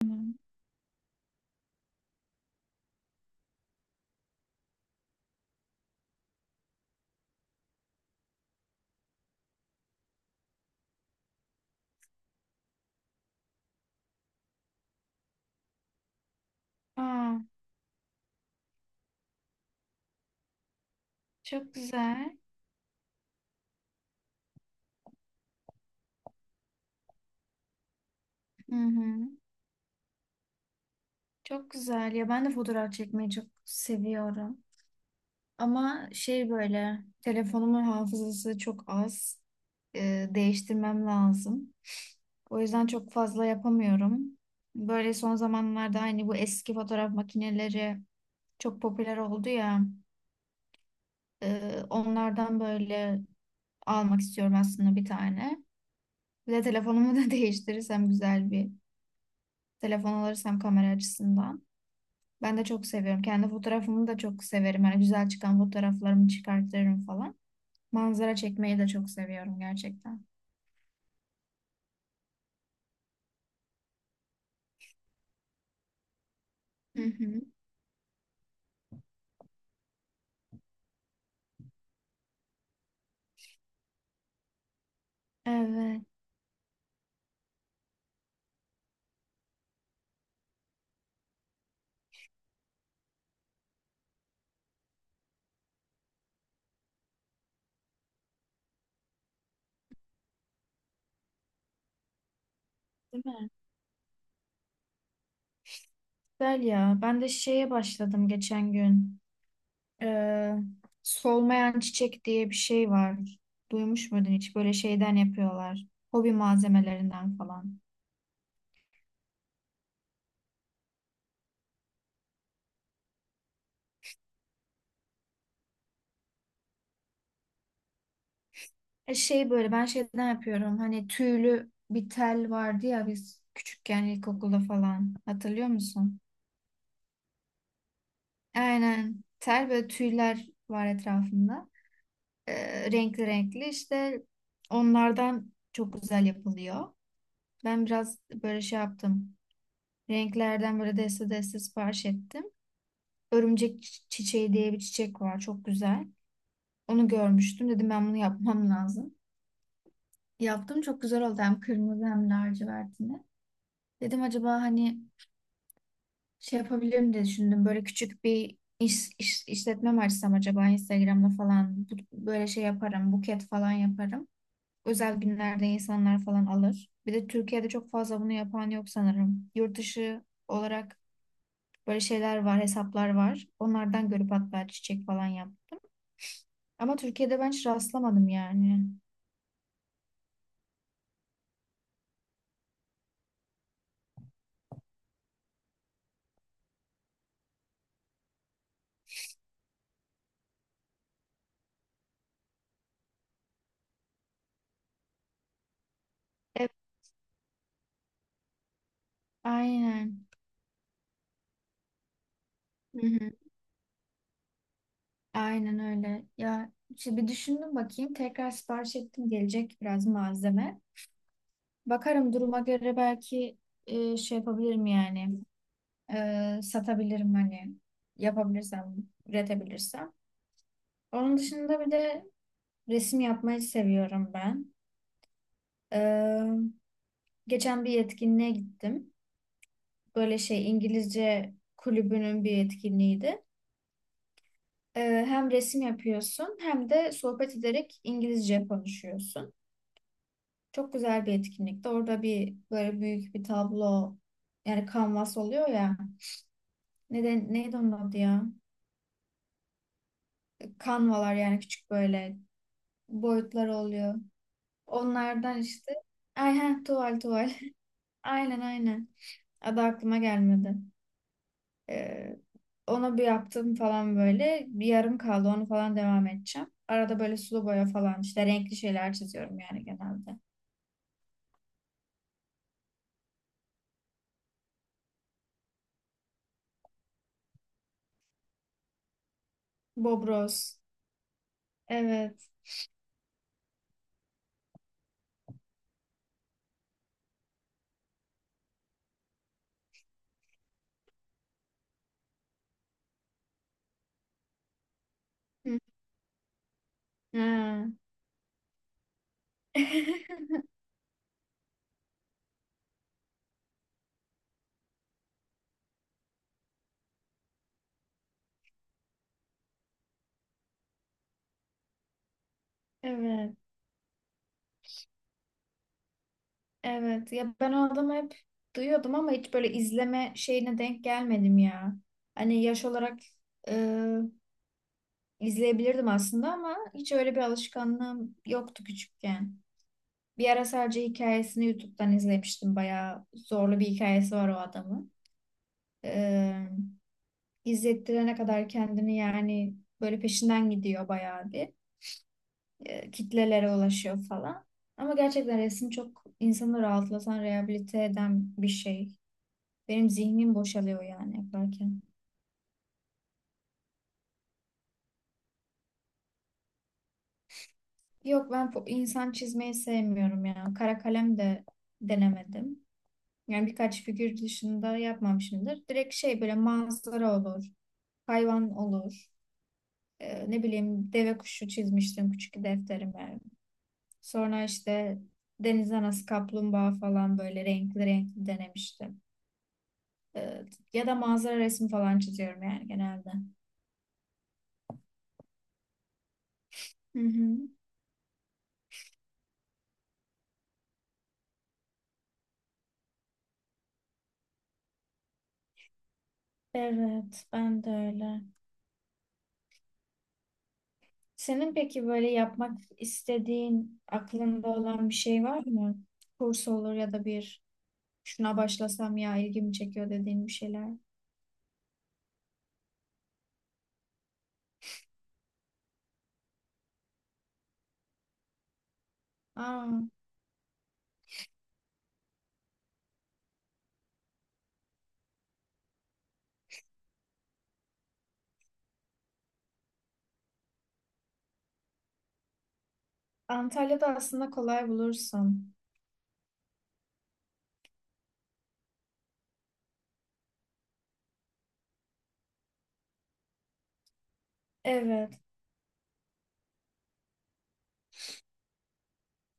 Tamam. Aa, çok güzel. Hı hı. Çok güzel ya, ben de fotoğraf çekmeyi çok seviyorum. Ama böyle telefonumun hafızası çok az. Değiştirmem lazım. O yüzden çok fazla yapamıyorum. Böyle son zamanlarda hani bu eski fotoğraf makineleri çok popüler oldu ya. Onlardan böyle almak istiyorum aslında bir tane. Bir de telefonumu da değiştirirsem güzel bir telefon alırsam kamera açısından. Ben de çok seviyorum. Kendi fotoğrafımı da çok severim. Hani güzel çıkan fotoğraflarımı çıkartırım falan. Manzara çekmeyi de çok seviyorum gerçekten. Hı hı. Evet. Değil mi? Güzel ya. Ben de şeye başladım geçen gün. Ee, Solmayan çiçek diye bir şey var. Duymuş muydun hiç? Böyle şeyden yapıyorlar. Hobi malzemelerinden falan. Böyle ben şeyden yapıyorum. Hani tüylü bir tel vardı ya biz küçükken ilkokulda falan. Hatırlıyor musun? Aynen. Tel böyle, tüyler var etrafında. Renkli renkli işte onlardan çok güzel yapılıyor. Ben biraz böyle şey yaptım. Renklerden böyle deste deste sipariş ettim. Örümcek çiçeği diye bir çiçek var. Çok güzel. Onu görmüştüm. Dedim ben bunu yapmam lazım. Yaptım, çok güzel oldu. Hem kırmızı hem lacivertini. Dedim acaba hani şey yapabilirim diye düşündüm. Böyle küçük bir işletme mi açsam acaba Instagram'da falan. Böyle şey yaparım, buket falan yaparım. Özel günlerde insanlar falan alır. Bir de Türkiye'de çok fazla bunu yapan yok sanırım. Yurt dışı olarak böyle şeyler var, hesaplar var. Onlardan görüp hatta çiçek falan yaptım. Ama Türkiye'de ben hiç rastlamadım yani. Evet, aynen. Hı hı. Aynen öyle. Ya işte bir düşündüm, bakayım. Tekrar sipariş ettim, gelecek biraz malzeme. Bakarım duruma göre, belki şey yapabilirim yani. Satabilirim hani. Yapabilirsem, üretebilirsem. Onun dışında bir de resim yapmayı seviyorum ben. E, Geçen bir etkinliğe gittim. Böyle şey İngilizce kulübünün bir etkinliğiydi. E, Hem resim yapıyorsun hem de sohbet ederek İngilizce konuşuyorsun. Çok güzel bir etkinlikti. Orada bir böyle büyük bir tablo, yani kanvas oluyor ya. Neden, neydi onun adı ya? Kanvalar, yani küçük böyle boyutlar oluyor. Onlardan işte. Ay heh, tuval tuval. Aynen aynen. Adı aklıma gelmedi. Ee, Ona bir yaptım falan böyle. Bir yarım kaldı, onu falan devam edeceğim. Arada böyle sulu boya falan, işte renkli şeyler çiziyorum yani genelde. Bobros. Evet. Hı. Ha. Evet. Evet ya, ben o adamı hep duyuyordum ama hiç böyle izleme şeyine denk gelmedim ya. Hani yaş olarak e, izleyebilirdim aslında, ama hiç öyle bir alışkanlığım yoktu küçükken. Bir ara sadece hikayesini YouTube'dan izlemiştim. Bayağı zorlu bir hikayesi var o adamın. E, izlettirene kadar kendini yani, böyle peşinden gidiyor bayağı bir. Kitlelere ulaşıyor falan. Ama gerçekten resim çok insanı rahatlatan, rehabilite eden bir şey. Benim zihnim boşalıyor yani yaparken. Yok, ben insan çizmeyi sevmiyorum ya. Kara kalem de denemedim. Yani birkaç figür dışında yapmamışımdır. Direkt şey böyle manzara olur, hayvan olur. Ne bileyim, deve kuşu çizmiştim küçük defterime. Sonra işte deniz anası, kaplumbağa falan böyle renkli renkli denemiştim. Ee, Ya da manzara resmi falan çiziyorum yani genelde. Hı hı. Evet, ben de öyle. Senin peki böyle yapmak istediğin, aklında olan bir şey var mı? Kurs olur ya da bir, şuna başlasam ya ilgimi çekiyor dediğin bir şeyler. Aa, Antalya'da aslında kolay bulursun. Evet.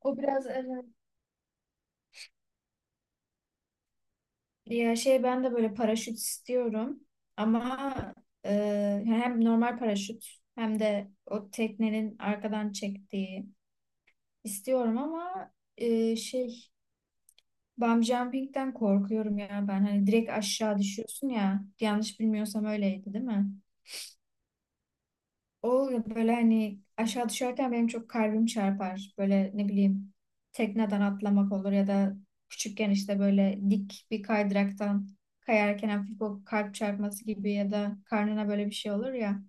O biraz, evet. Ya şey, ben de böyle paraşüt istiyorum. Ama hem normal paraşüt hem de o teknenin arkadan çektiği istiyorum. Ama e, şey bungee jumping'den korkuyorum ya ben. Hani direkt aşağı düşüyorsun ya. Yanlış bilmiyorsam öyleydi değil mi? O böyle hani aşağı düşerken benim çok kalbim çarpar. Böyle ne bileyim, tekneden atlamak olur ya da küçükken işte böyle dik bir kaydıraktan kayarken hafif o kalp çarpması gibi, ya da karnına böyle bir şey olur ya.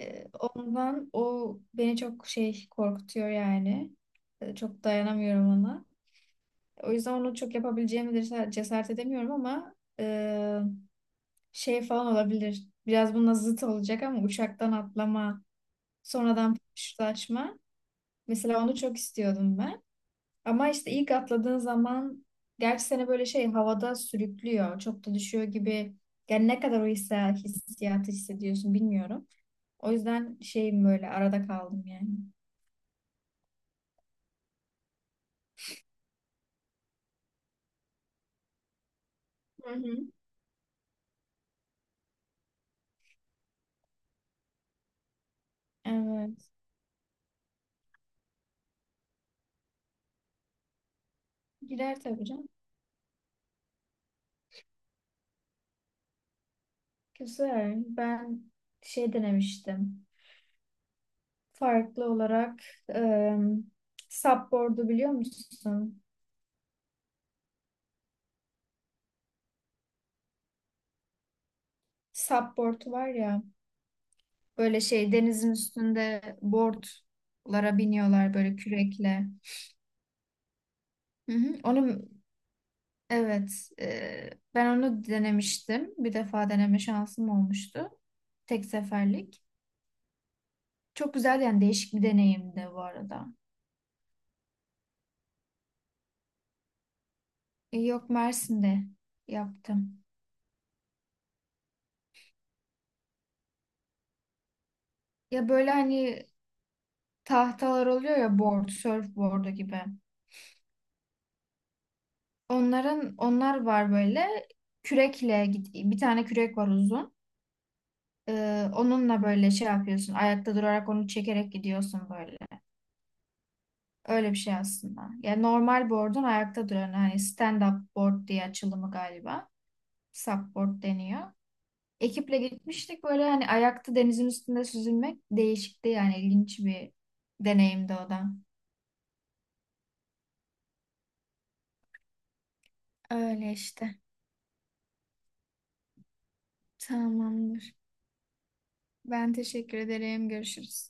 Ondan o beni çok şey korkutuyor yani. Çok dayanamıyorum ona. O yüzden onu çok yapabileceğimi de cesaret edemiyorum. Ama şey falan olabilir. Biraz bununla zıt olacak ama uçaktan atlama, sonradan paraşütlaşma. Mesela onu çok istiyordum ben. Ama işte ilk atladığın zaman, gerçi seni böyle şey havada sürüklüyor, çok da düşüyor gibi. Yani ne kadar o hissiyatı hissediyorsun bilmiyorum. O yüzden şeyim, böyle arada kaldım yani. Hı hı. Evet. Gider tabii canım. Güzel. Ben şey denemiştim. Farklı olarak e, supboard'u biliyor musun? Supboard var ya, böyle şey denizin üstünde boardlara biniyorlar böyle kürekle. Hı hı, onu evet, ben onu denemiştim. Bir defa deneme şansım olmuştu. Tek seferlik. Çok güzel, yani değişik bir deneyimdi bu arada. Yok, Mersin'de yaptım. Ya böyle hani tahtalar oluyor ya, board, surfboard'u gibi. Onlar var böyle, kürekle bir tane kürek var uzun. Onunla böyle şey yapıyorsun. Ayakta durarak onu çekerek gidiyorsun böyle. Öyle bir şey aslında. Yani normal board'un ayakta duran, hani stand up board diye açılımı galiba. Supboard deniyor. Ekiple gitmiştik böyle, hani ayakta denizin üstünde süzülmek değişikti, yani ilginç bir deneyimdi o da. Öyle işte. Tamamdır. Ben teşekkür ederim. Görüşürüz.